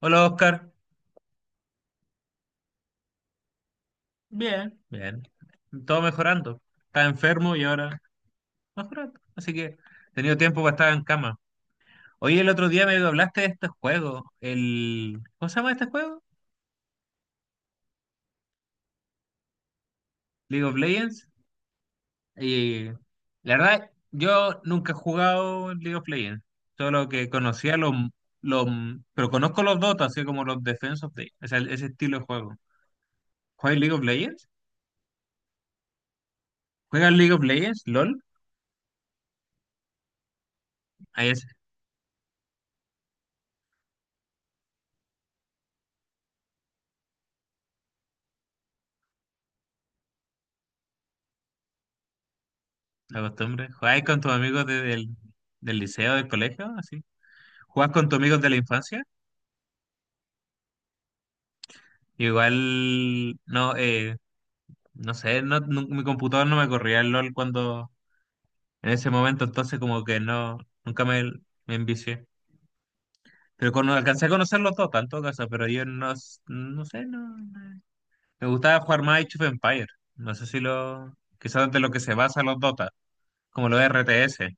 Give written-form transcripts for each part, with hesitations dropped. Hola Oscar. Bien, bien, todo mejorando. Estaba enfermo y ahora mejorando. Así que he tenido tiempo para estar en cama. Hoy el otro día me hablaste de este juego, ¿cómo se llama este juego? League of Legends. Y la verdad, yo nunca he jugado League of Legends, solo que conocía los... pero conozco los Dota, así como los Defense of o sea, ese estilo de juego. ¿Juegas League of Legends? ¿Juegas League of Legends? ¿LOL? Ahí es. La costumbre. ¿Jugáis con tus amigos del liceo, del colegio? Así. ¿Juegas con tus amigos de la infancia? Igual, no, no sé, mi computador no me corría el LOL cuando, en ese momento, entonces como que no, nunca me envicié. Pero con, alcancé a conocer los dos, tanto casa, pero yo no, no sé, me gustaba jugar más Age of Empires. No sé si lo, quizás de lo que se basa los Dota, como los RTS.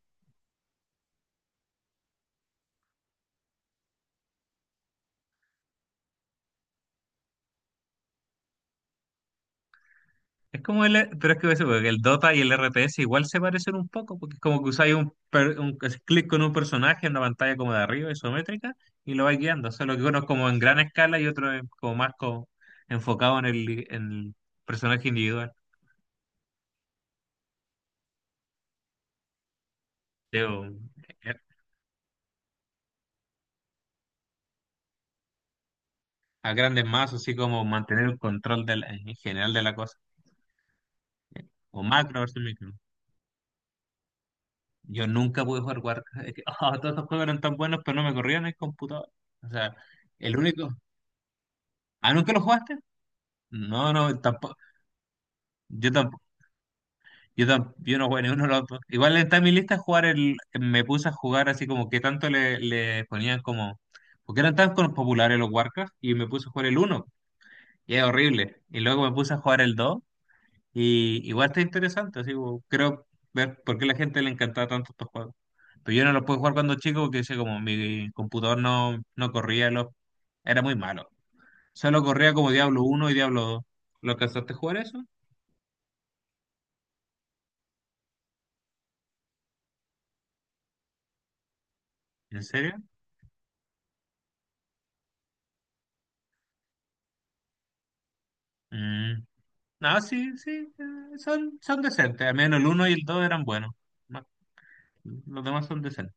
Es como el, pero es que ese, porque el Dota y el RTS igual se parecen un poco, porque es como que usáis un clic con un personaje en una pantalla como de arriba, isométrica, y lo vais guiando. Solo que uno es como en gran escala y otro es como más como enfocado en el personaje individual. Digo, a grandes masas, así como mantener el control de en general de la cosa. O macro versus micro. Yo nunca pude jugar Warcraft. Es que, todos estos juegos eran tan buenos, pero no me corrían en el computador. O sea, el único. ¿Ah, nunca lo jugaste? No, no, tampoco. Yo tampoco, yo no juego ninguno de los dos. Igual está en mi lista jugar el, me puse a jugar así como que tanto le ponían como, porque eran tan populares los Warcraft y me puse a jugar el uno y es horrible. Y luego me puse a jugar el 2 y igual está interesante, así como, creo ver por qué a la gente le encantaba tanto estos juegos. Pero yo no los pude jugar cuando chico porque decía como mi computador no corría los, era muy malo. Solo corría como Diablo uno y Diablo dos. ¿Lo alcanzaste a jugar eso? ¿En serio? Mm. No, sí, sí, son decentes. Al menos el uno y el 2 eran buenos. Más- Los demás son decentes.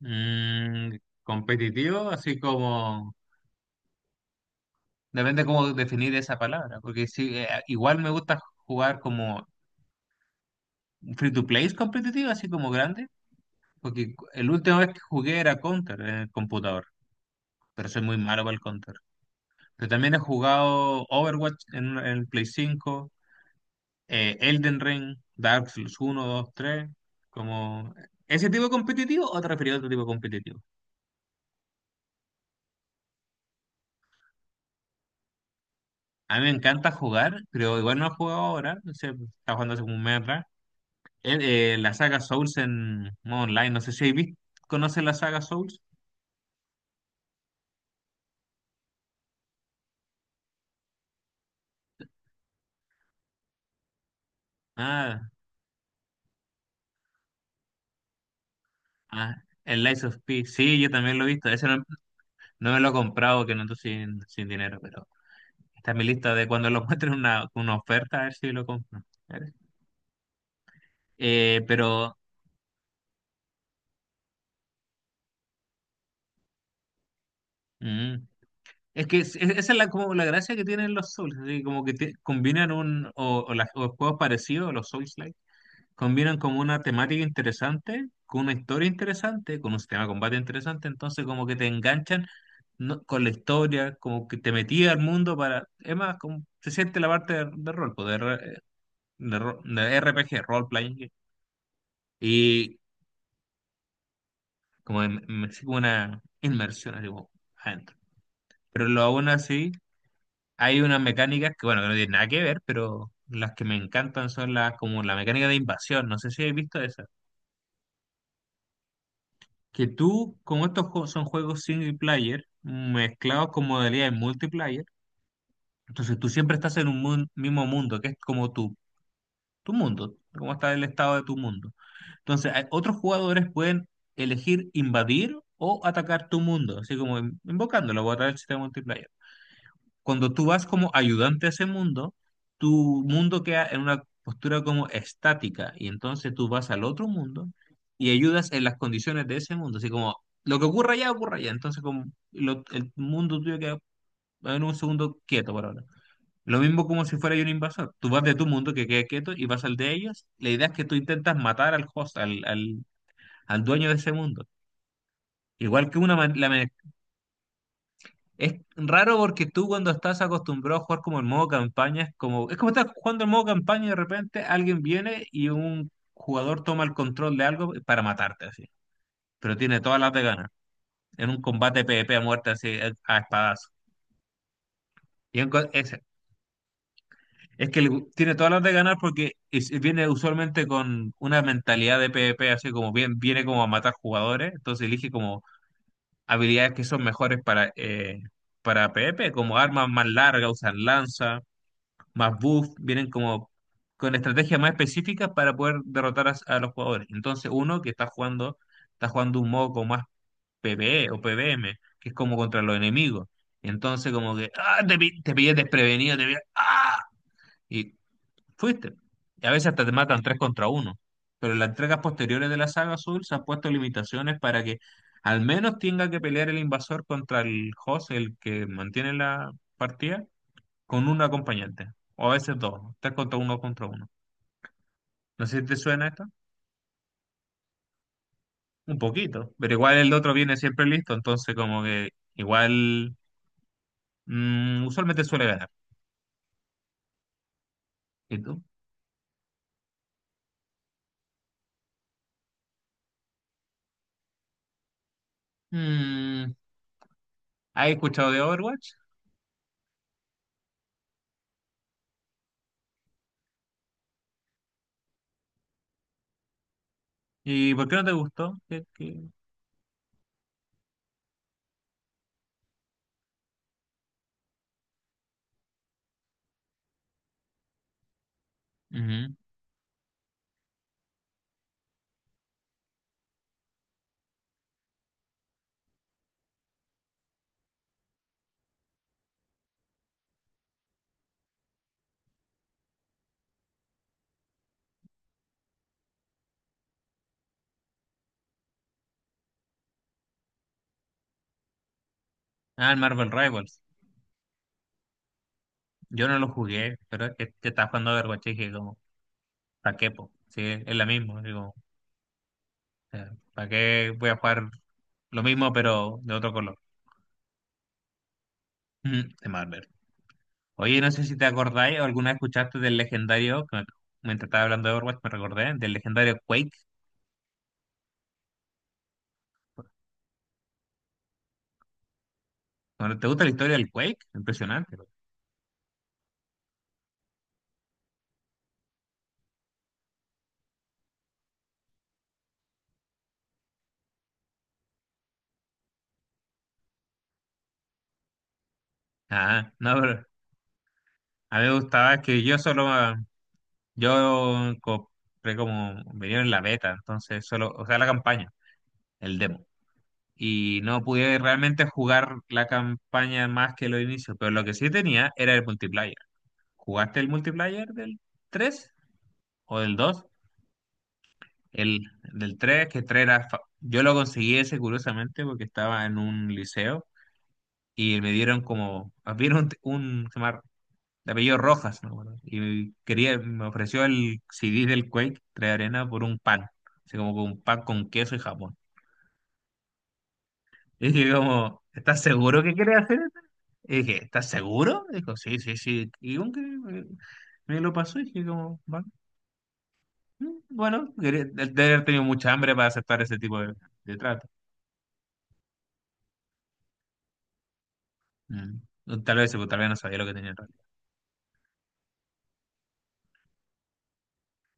Mm, competitivo, así como... Depende cómo definir esa palabra, porque sí, igual me gusta jugar como free to play competitivo, así como grande, porque el último vez que jugué era Counter en el computador, pero soy muy malo para el Counter. Pero también he jugado Overwatch en el Play cinco, Elden Ring, Dark Souls uno, 2, 3, como ese tipo competitivo o te refieres a otro tipo competitivo. A mí me encanta jugar, pero igual no he jugado ahora, no sé, estaba jugando hace como un mes atrás. La saga Souls en modo online, no sé si habéis visto, ¿conoces la saga Souls? Ah, ah, el Lies of P, sí, yo también lo he visto, ese no, no me lo he comprado, que no ando sin, sin dinero, pero está en mi lista de cuando lo encuentre una oferta, a ver si lo compro. A ver. Pero... mm, es que esa es la, como la gracia que tienen los Souls, así como que combinan un, o o juegos parecidos a los Souls-like, combinan como una temática interesante, con una historia interesante, con un sistema de combate interesante, entonces como que te enganchan con la historia, como que te metía al mundo para, es más, como se siente la parte de rol, pues, de, re- de ro- de RPG, role-playing, game, y como así como una inmersión así como adentro. Pero lo aún así. Hay unas mecánicas que, bueno, que no tienen nada que ver, pero las que me encantan son las como la mecánica de invasión. No sé si habéis visto esa. Que tú, como estos juegos son juegos single player, mezclados con modalidades multiplayer, entonces tú siempre estás en un mismo mundo, que es como tu mundo, como está el estado de tu mundo. Entonces, otros jugadores pueden elegir invadir o atacar tu mundo, así como invocándolo, voy a atacar el sistema multiplayer. Cuando tú vas como ayudante a ese mundo, tu mundo queda en una postura como estática y entonces tú vas al otro mundo y ayudas en las condiciones de ese mundo, así como lo que ocurra allá, entonces como el mundo tuyo queda en un segundo quieto por ahora. Lo mismo como si fuera yo un invasor, tú vas de tu mundo que queda quieto y vas al de ellos, la idea es que tú intentas matar al host, al dueño de ese mundo. Igual que una, la. Es raro porque tú cuando estás acostumbrado a jugar como en modo campaña, es como estás jugando en modo campaña y de repente alguien viene y un jugador toma el control de algo para matarte así. Pero tiene todas las de ganas. En un combate PvP a muerte así a espadazo. Y en co- es, es que tiene todas las de ganar porque viene usualmente con una mentalidad de PvP así como bien, viene como a matar jugadores, entonces elige como habilidades que son mejores para PvP, como armas más largas, usan lanza más buff, vienen como con estrategias más específicas para poder derrotar a los jugadores. Entonces, uno que está jugando un modo como más PvE o PvM, que es como contra los enemigos. Entonces, como que, te pillé desprevenido, te pillé, y fuiste. Y a veces hasta te matan tres contra uno. Pero en las entregas posteriores de la saga Azul se han puesto limitaciones para que al menos tenga que pelear el invasor contra el host, el que mantiene la partida con un acompañante, o a veces dos, tres contra uno contra uno. No sé si te suena esto, un poquito, pero igual el otro viene siempre listo, entonces como que igual usualmente suele ganar. ¿Y tú? Mm, ¿Has escuchado de Overwatch? ¿Y por qué no te gustó? ¿Qué? Ujú. Ah, el Marvel Rivals. Yo no lo jugué, pero es que estaba jugando Overwatch y dije como, ¿para qué, po? Sí, es la misma, digo, ¿para qué voy a jugar lo mismo pero de otro color? Ujú, de Marvel. Oye, no sé si te acordáis o alguna vez escuchaste del legendario, mientras estaba hablando de Overwatch me recordé, del legendario Quake. Bueno, ¿te gusta la historia del Quake? Impresionante. Ah, no, pero a mí me gustaba que yo solo, yo compré como, venía en la beta, entonces solo, o sea, la campaña, el demo. Y no pude realmente jugar la campaña más que los inicios, pero lo que sí tenía era el multiplayer. ¿Jugaste el multiplayer del 3 o del 2? El del tres, que 3 era. Yo lo conseguí ese curiosamente porque estaba en un liceo y me dieron como. Vieron un de apellido Rojas, ¿no? Me acuerdo. Y quería, me ofreció el CD del Quake, 3 Arena, por un pan. Así como con un pan con queso y jamón. Y dije como, ¿estás seguro que quieres hacer esto? Y dije, ¿estás seguro? Dijo, sí, sí, sí. Y un que me lo pasó y dije como, "Va, bueno, quería, de haber tenido mucha hambre para aceptar ese tipo de trato". Mm. O tal vez no sabía lo que tenía en realidad.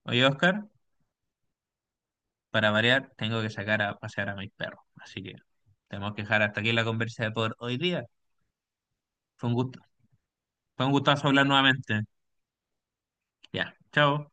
Oye, Oscar, para variar, tengo que sacar a pasear a mis perros. Así que tenemos que dejar hasta aquí la conversa de por hoy día. Fue un gusto. Fue un gustazo hablar nuevamente. Ya, chao.